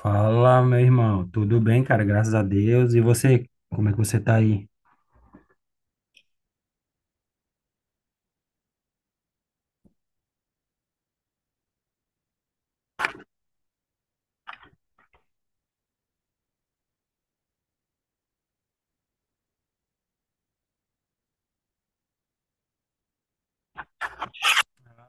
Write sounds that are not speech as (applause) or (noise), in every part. Fala, meu irmão. Tudo bem, cara? Graças a Deus. E você? Como é que você tá aí?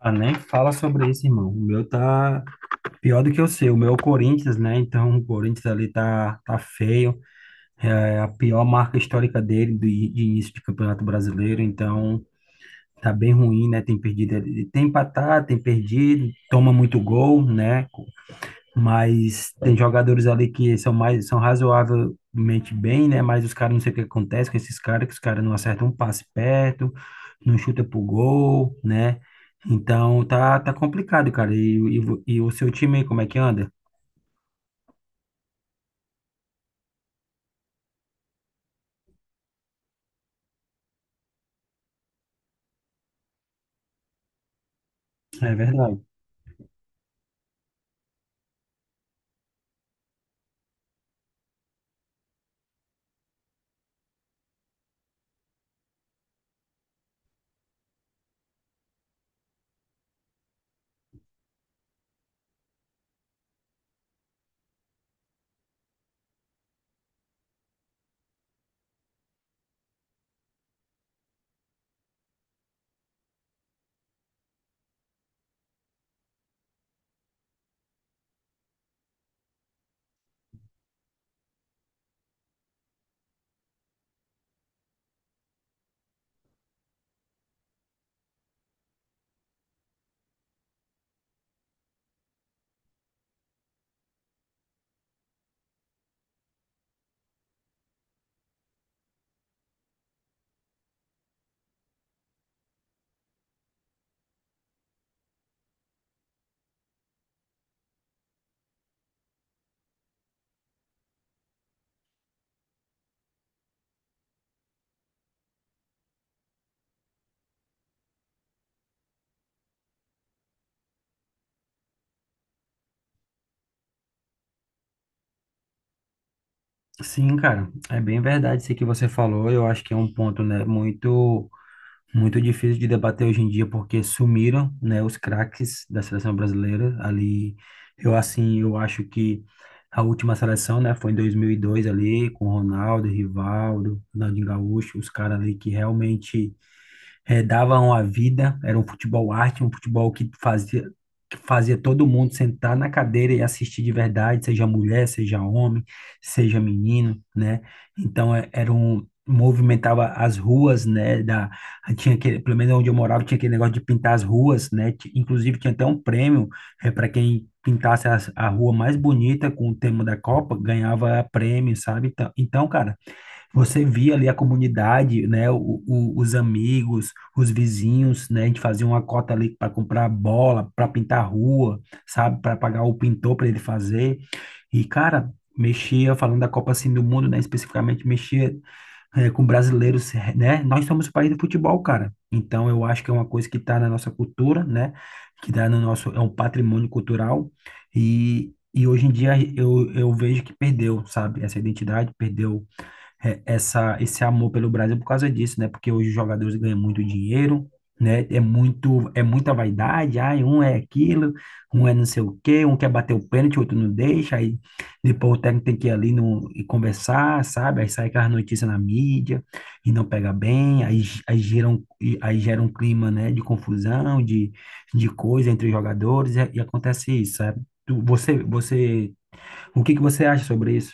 Ah, nem fala sobre isso, irmão. O meu tá pior do que o seu. O meu é o Corinthians, né? Então, o Corinthians ali tá feio. É a pior marca histórica dele de início de Campeonato Brasileiro. Então, tá bem ruim, né? Tem perdido, tem empatado, tem perdido, toma muito gol, né? Mas tem jogadores ali que são razoavelmente bem, né? Mas os caras, não sei o que acontece com esses caras, que os caras não acertam um passe perto, não chuta pro gol, né? Então tá complicado, cara. E o seu time aí, como é que anda? É verdade. Sim, cara, é bem verdade isso que você falou. Eu acho que é um ponto, né, muito difícil de debater hoje em dia, porque sumiram, né, os craques da seleção brasileira ali. Eu, assim, eu acho que a última seleção, né, foi em 2002, ali com Ronaldo, Rivaldo, Ronaldinho Gaúcho, os caras ali que realmente, davam a vida. Era um futebol arte, um futebol que fazia todo mundo sentar na cadeira e assistir de verdade, seja mulher, seja homem, seja menino, né? Então, era um, movimentava as ruas, né, da, tinha aquele, pelo menos onde eu morava, tinha aquele negócio de pintar as ruas, né. Inclusive, tinha até um prêmio, para quem pintasse a rua mais bonita com o tema da Copa, ganhava prêmio, sabe? Então, cara, você via ali a comunidade, né, os amigos, os vizinhos, né. A gente fazia uma cota ali para comprar bola, para pintar a rua, sabe, para pagar o pintor para ele fazer. E, cara, mexia, falando da Copa assim do Mundo, né, especificamente, mexia, com brasileiros, né. Nós somos o país do futebol, cara. Então, eu acho que é uma coisa que está na nossa cultura, né, que está no nosso, é um patrimônio cultural. E hoje em dia eu vejo que perdeu, sabe, essa identidade, perdeu esse amor pelo Brasil por causa disso, né? Porque hoje os jogadores ganham muito dinheiro, né? É muita vaidade. Ai, um é aquilo, um é não sei o quê, um quer bater o pênalti, o outro não deixa, aí depois o técnico tem que ir ali no, e conversar, sabe? Aí sai aquelas notícias na mídia e não pega bem. Aí gera um clima, né, de confusão, de coisa entre os jogadores, e acontece isso, sabe? Você, o que que você acha sobre isso?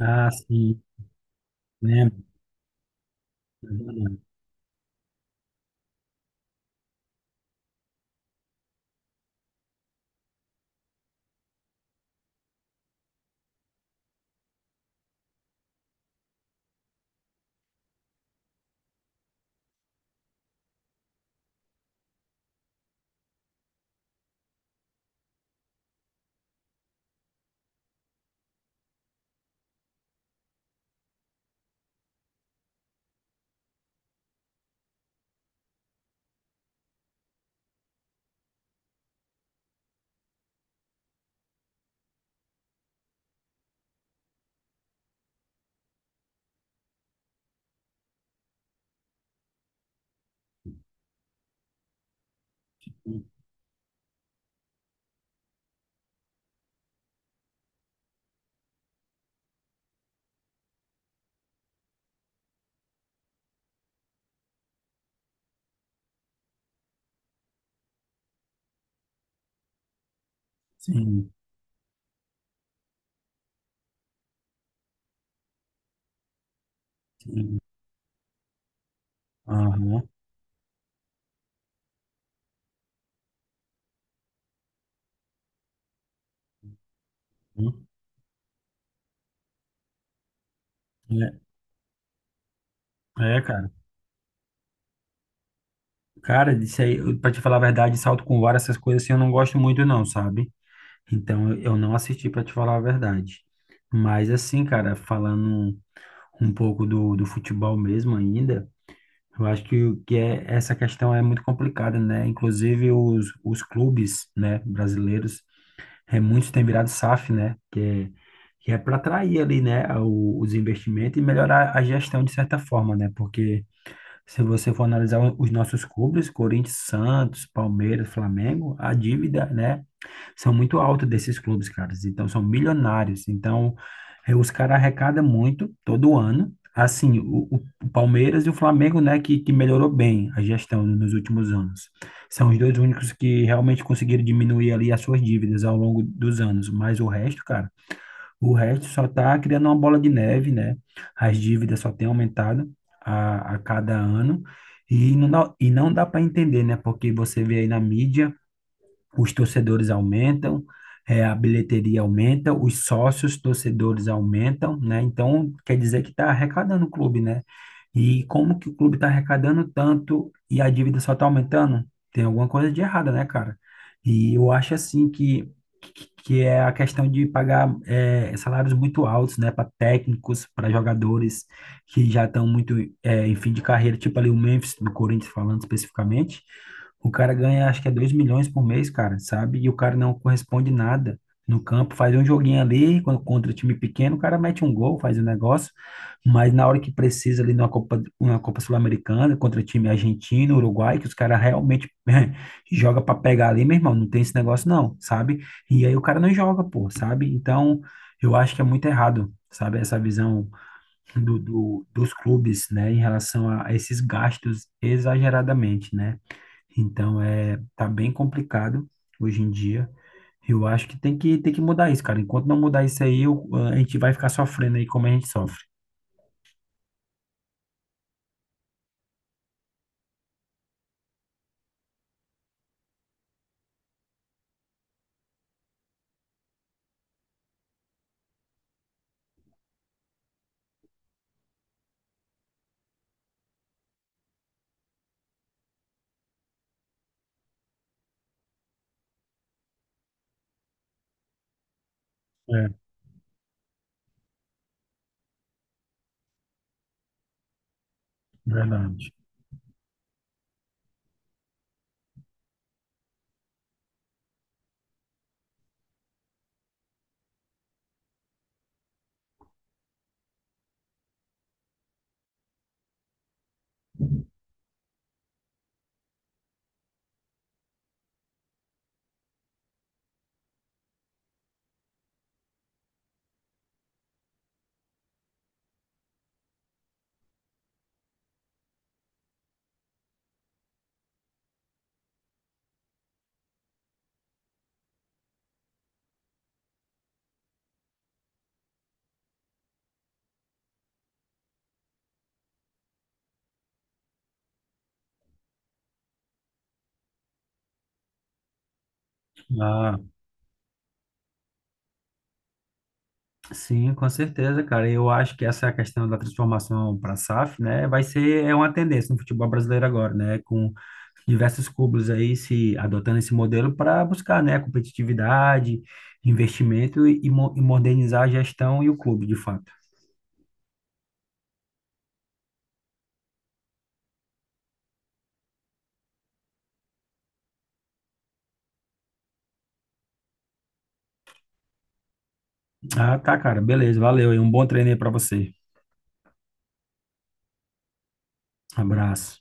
Ah, sim, lembro. Sim, sim. Aham. Hum. É, é, cara. Cara, isso aí, pra te falar a verdade, salto com vara, essas coisas assim, eu não gosto muito, não, sabe? Então, eu não assisti, pra te falar a verdade. Mas, assim, cara, falando um pouco do futebol mesmo ainda, eu acho que, essa questão é muito complicada, né? Inclusive, os clubes, né, brasileiros, muitos têm virado SAF, né? Que é para atrair ali, né, os investimentos e melhorar a gestão, de certa forma, né? Porque, se você for analisar os nossos clubes, Corinthians, Santos, Palmeiras, Flamengo, a dívida, né, são muito alta desses clubes, caras. Então, são milionários. Então, os caras arrecadam muito todo ano. Assim, o Palmeiras e o Flamengo, né, que melhorou bem a gestão nos últimos anos. São os dois únicos que realmente conseguiram diminuir ali as suas dívidas ao longo dos anos. Mas o resto, cara, o resto só está criando uma bola de neve, né? As dívidas só têm aumentado a cada ano. E não dá para entender, né? Porque você vê aí na mídia, os torcedores aumentam, a bilheteria aumenta, os sócios torcedores aumentam, né? Então, quer dizer que está arrecadando o clube, né? E como que o clube está arrecadando tanto e a dívida só está aumentando? Tem alguma coisa de errada, né, cara? E eu acho, assim, que, é a questão de pagar, salários muito altos, né, para técnicos, para jogadores que já estão muito, em fim de carreira, tipo ali o Memphis, do Corinthians, falando especificamente. O cara ganha, acho que é 2 milhões por mês, cara, sabe? E o cara não corresponde nada no campo. Faz um joguinho ali, quando contra time pequeno, o cara mete um gol, faz um negócio. Mas na hora que precisa ali numa Copa Sul-Americana, contra time argentino, Uruguai, que os caras realmente (laughs) joga para pegar ali, meu irmão, não tem esse negócio não, sabe? E aí o cara não joga, pô, sabe? Então, eu acho que é muito errado, sabe, essa visão dos clubes, né, em relação a esses gastos exageradamente, né? Então, tá bem complicado hoje em dia. Eu acho que tem que mudar isso, cara. Enquanto não mudar isso aí, a gente vai ficar sofrendo aí, como a gente sofre. É, verdade. Ah, sim, com certeza, cara. Eu acho que essa questão da transformação para a SAF, né, vai ser uma tendência no futebol brasileiro agora, né, com diversos clubes aí se adotando esse modelo para buscar, né, competitividade, investimento e modernizar a gestão e o clube, de fato. Ah, tá, cara. Beleza. Valeu aí. Um bom treino aí pra você. Abraço.